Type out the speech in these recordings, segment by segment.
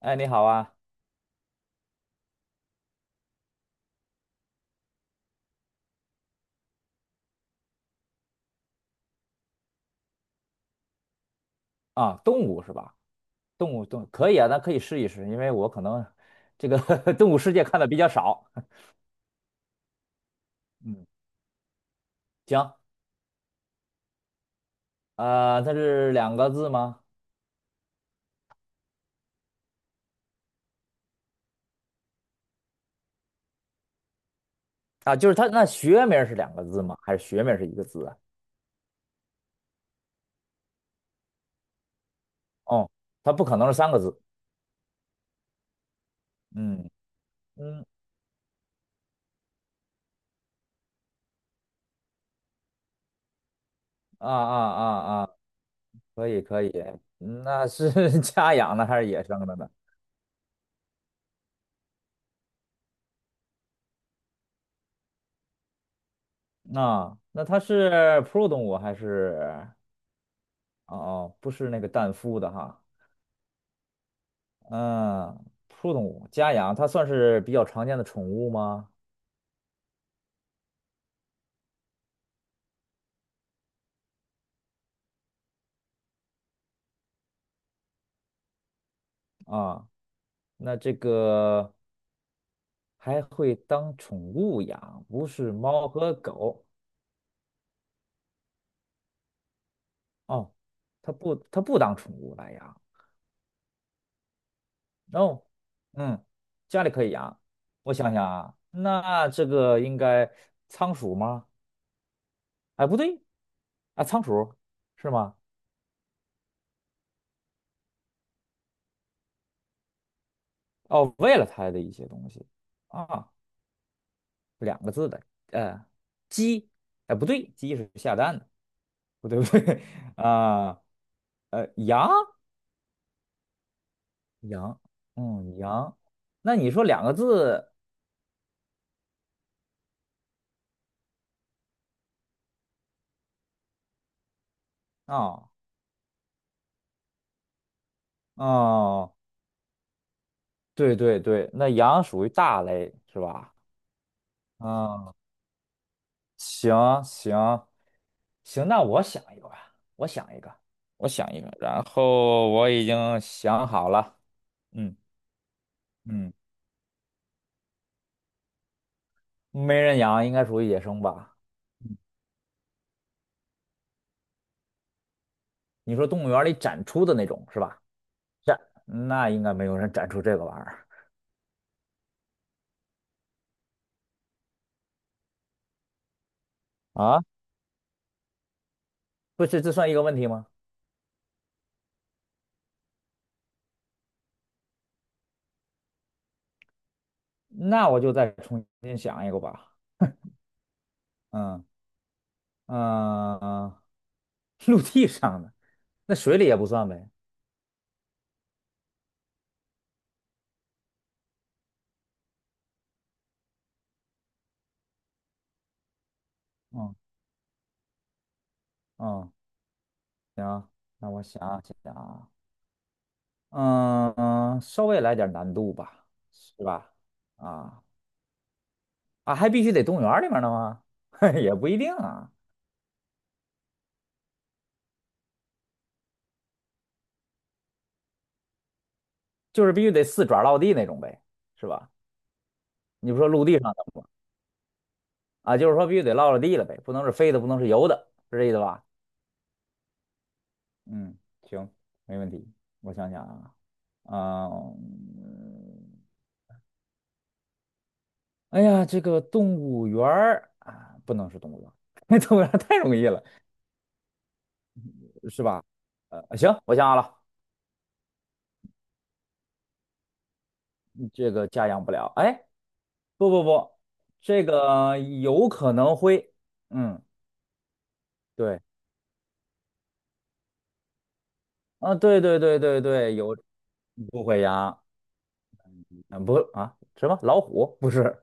哎，你好啊！啊，动物是吧？动物动物可以啊，那可以试一试，因为我可能这个 动物世界看的比较少。嗯，行，它是两个字吗？啊，就是它那学名是两个字吗？还是学名是一个字啊？哦，它不可能是三个字。嗯嗯，啊啊啊啊，可以可以，嗯那是 家养的还是野生的呢？啊，那它是哺乳动物还是？哦哦，不是那个蛋孵的哈。嗯，动物家养，它算是比较常见的宠物吗？啊，那这个还会当宠物养，不是猫和狗哦，它不当宠物来养。哦，嗯，家里可以养。我想想啊，那这个应该仓鼠吗？哎，不对，啊，仓鼠是吗？哦，喂了它的一些东西啊，两个字的，呃，鸡，哎，不对，鸡是下蛋的。不对不对 啊，呃，羊羊，嗯，羊。那你说两个字啊哦，对对对，那羊属于大类是吧？嗯，行行行，那我想一个吧，我想一个，我想一个，然后我已经想好了，嗯嗯，没人养应该属于野生吧？你说动物园里展出的那种是吧？展，那应该没有人展出这个玩意儿啊？不是，这算一个问题吗？那我就再重新想一个吧。嗯嗯，陆地上的，那水里也不算呗。嗯嗯，行，那我想想啊，嗯嗯，稍微来点难度吧，是吧？啊啊，还必须得动物园儿里面的吗？也不一定啊，就是必须得四爪落地那种呗，是吧？你不说陆地上的吗？啊，就是说必须得落了地了呗，不能是飞的，不能是游的，是这意思吧？嗯，行，没问题。我想想啊。啊、嗯哎呀，这个动物园儿啊，不能是动物园儿，动物园儿太容易了，是吧？行，我想好了，这个家养不了。哎，不不不，这个有可能会，嗯，对，啊，对对对对对，有不会养，嗯，不啊，什么老虎不是，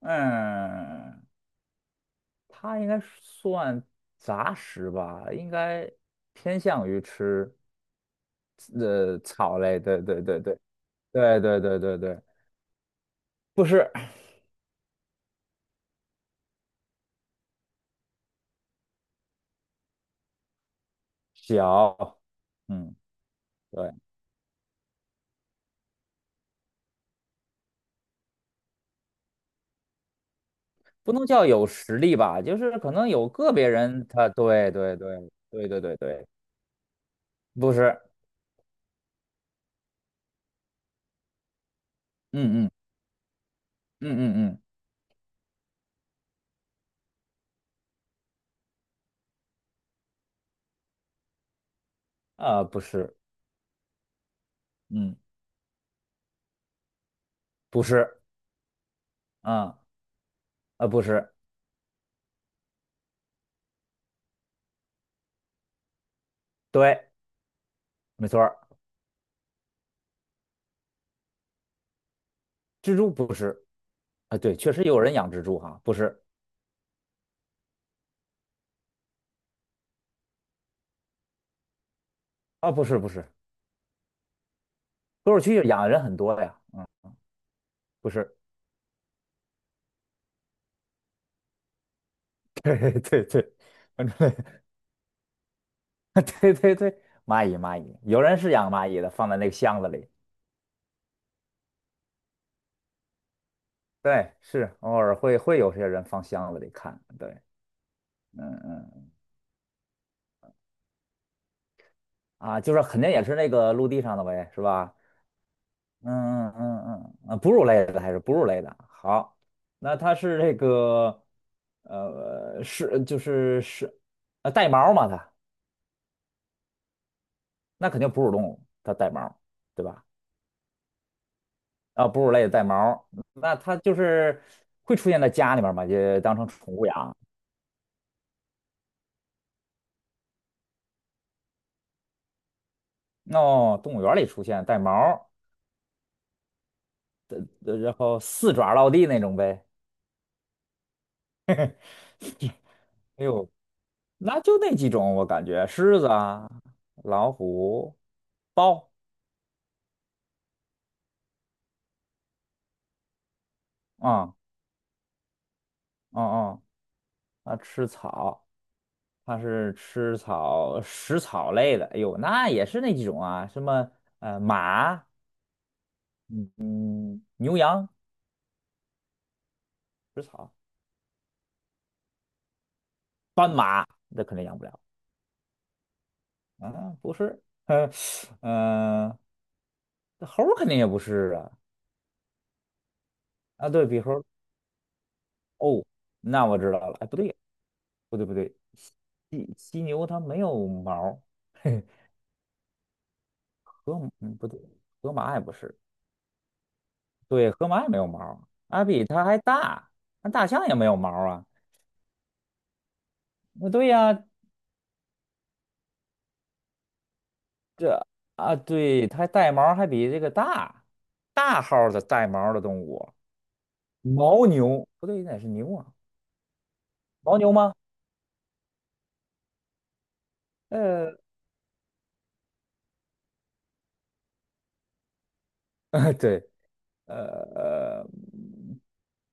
嗯，它应该算杂食吧，应该偏向于吃。草类，对对对对对对对对对，不是小，嗯，对，不能叫有实力吧，就是可能有个别人他，对对对对对对对，不是，嗯嗯嗯嗯嗯，啊、不是，嗯，不是，啊、啊、不是，对，没错儿，蜘蛛不是，啊、对，确实有人养蜘蛛哈，不是，啊、不是不是，多少区养的人很多呀，不是，对对对，反正。对对对，蚂蚁，有人是养蚂蚁的，放在那个箱子里。对，是偶尔会有些人放箱子里看。对啊，就是肯定也是那个陆地上的呗，是吧？嗯嗯嗯嗯，啊哺乳类的还是哺乳类的。好，那它是这个就是带毛嘛它，那肯定哺乳动物，它带毛，对吧？啊，哺乳类的带毛，那它就是会出现在家里面嘛，就当成宠物养。哦，动物园里出现带毛儿然后四爪落地那种呗。哎呦，那就那几种，我感觉狮子啊、老虎、豹，啊嗯，啊，它吃草，它是吃草食草类的。哎呦，那也是那几种啊，什么马，嗯嗯，牛羊食草，斑马那肯定养不了啊，不是，嗯嗯，猴儿肯定也不是啊，啊对比猴。哦，那我知道了。哎，不对，不对，不对，犀牛它没有毛儿，嘿，河马嗯不对，河马也不是，对，河马也没有毛儿，它比它还大，那大象也没有毛儿啊。那对呀，这啊，对，它带毛儿还比这个大，大号儿的带毛儿的动物，牦牛不对，那是牛啊，牦牛吗？呃，对，呃，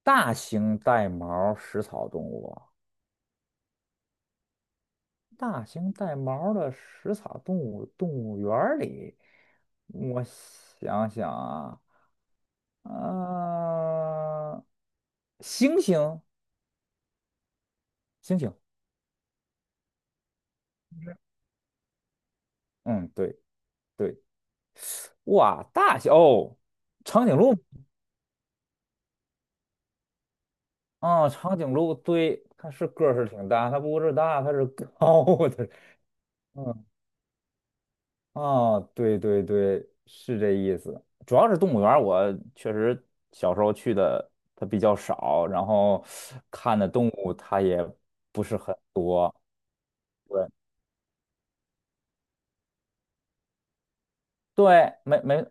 大型带毛儿食草动物。大型带毛儿的食草动物动物园儿里，我想想啊，呃，猩猩，猩猩嗯，对对，哇，大小哦长颈鹿啊，长颈鹿，对，它是个儿是挺大，它不是大，它是高的，啊，对对对，是这意思。主要是动物园，我确实小时候去的它比较少，然后看的动物它也不是很多。对对，没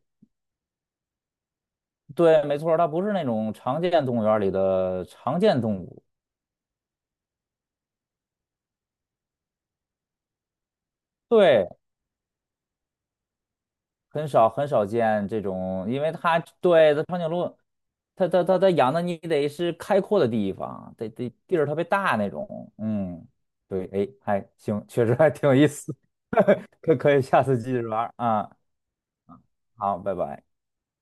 对，没错儿它不是那种常见动物园里的常见动物。对，很少很少见这种，因为它对它长颈鹿，它养的你得是开阔的地方，得地儿特别大那种，嗯，对，哎，还行，确实还挺有意思，可以下次继续玩儿啊，好，拜拜。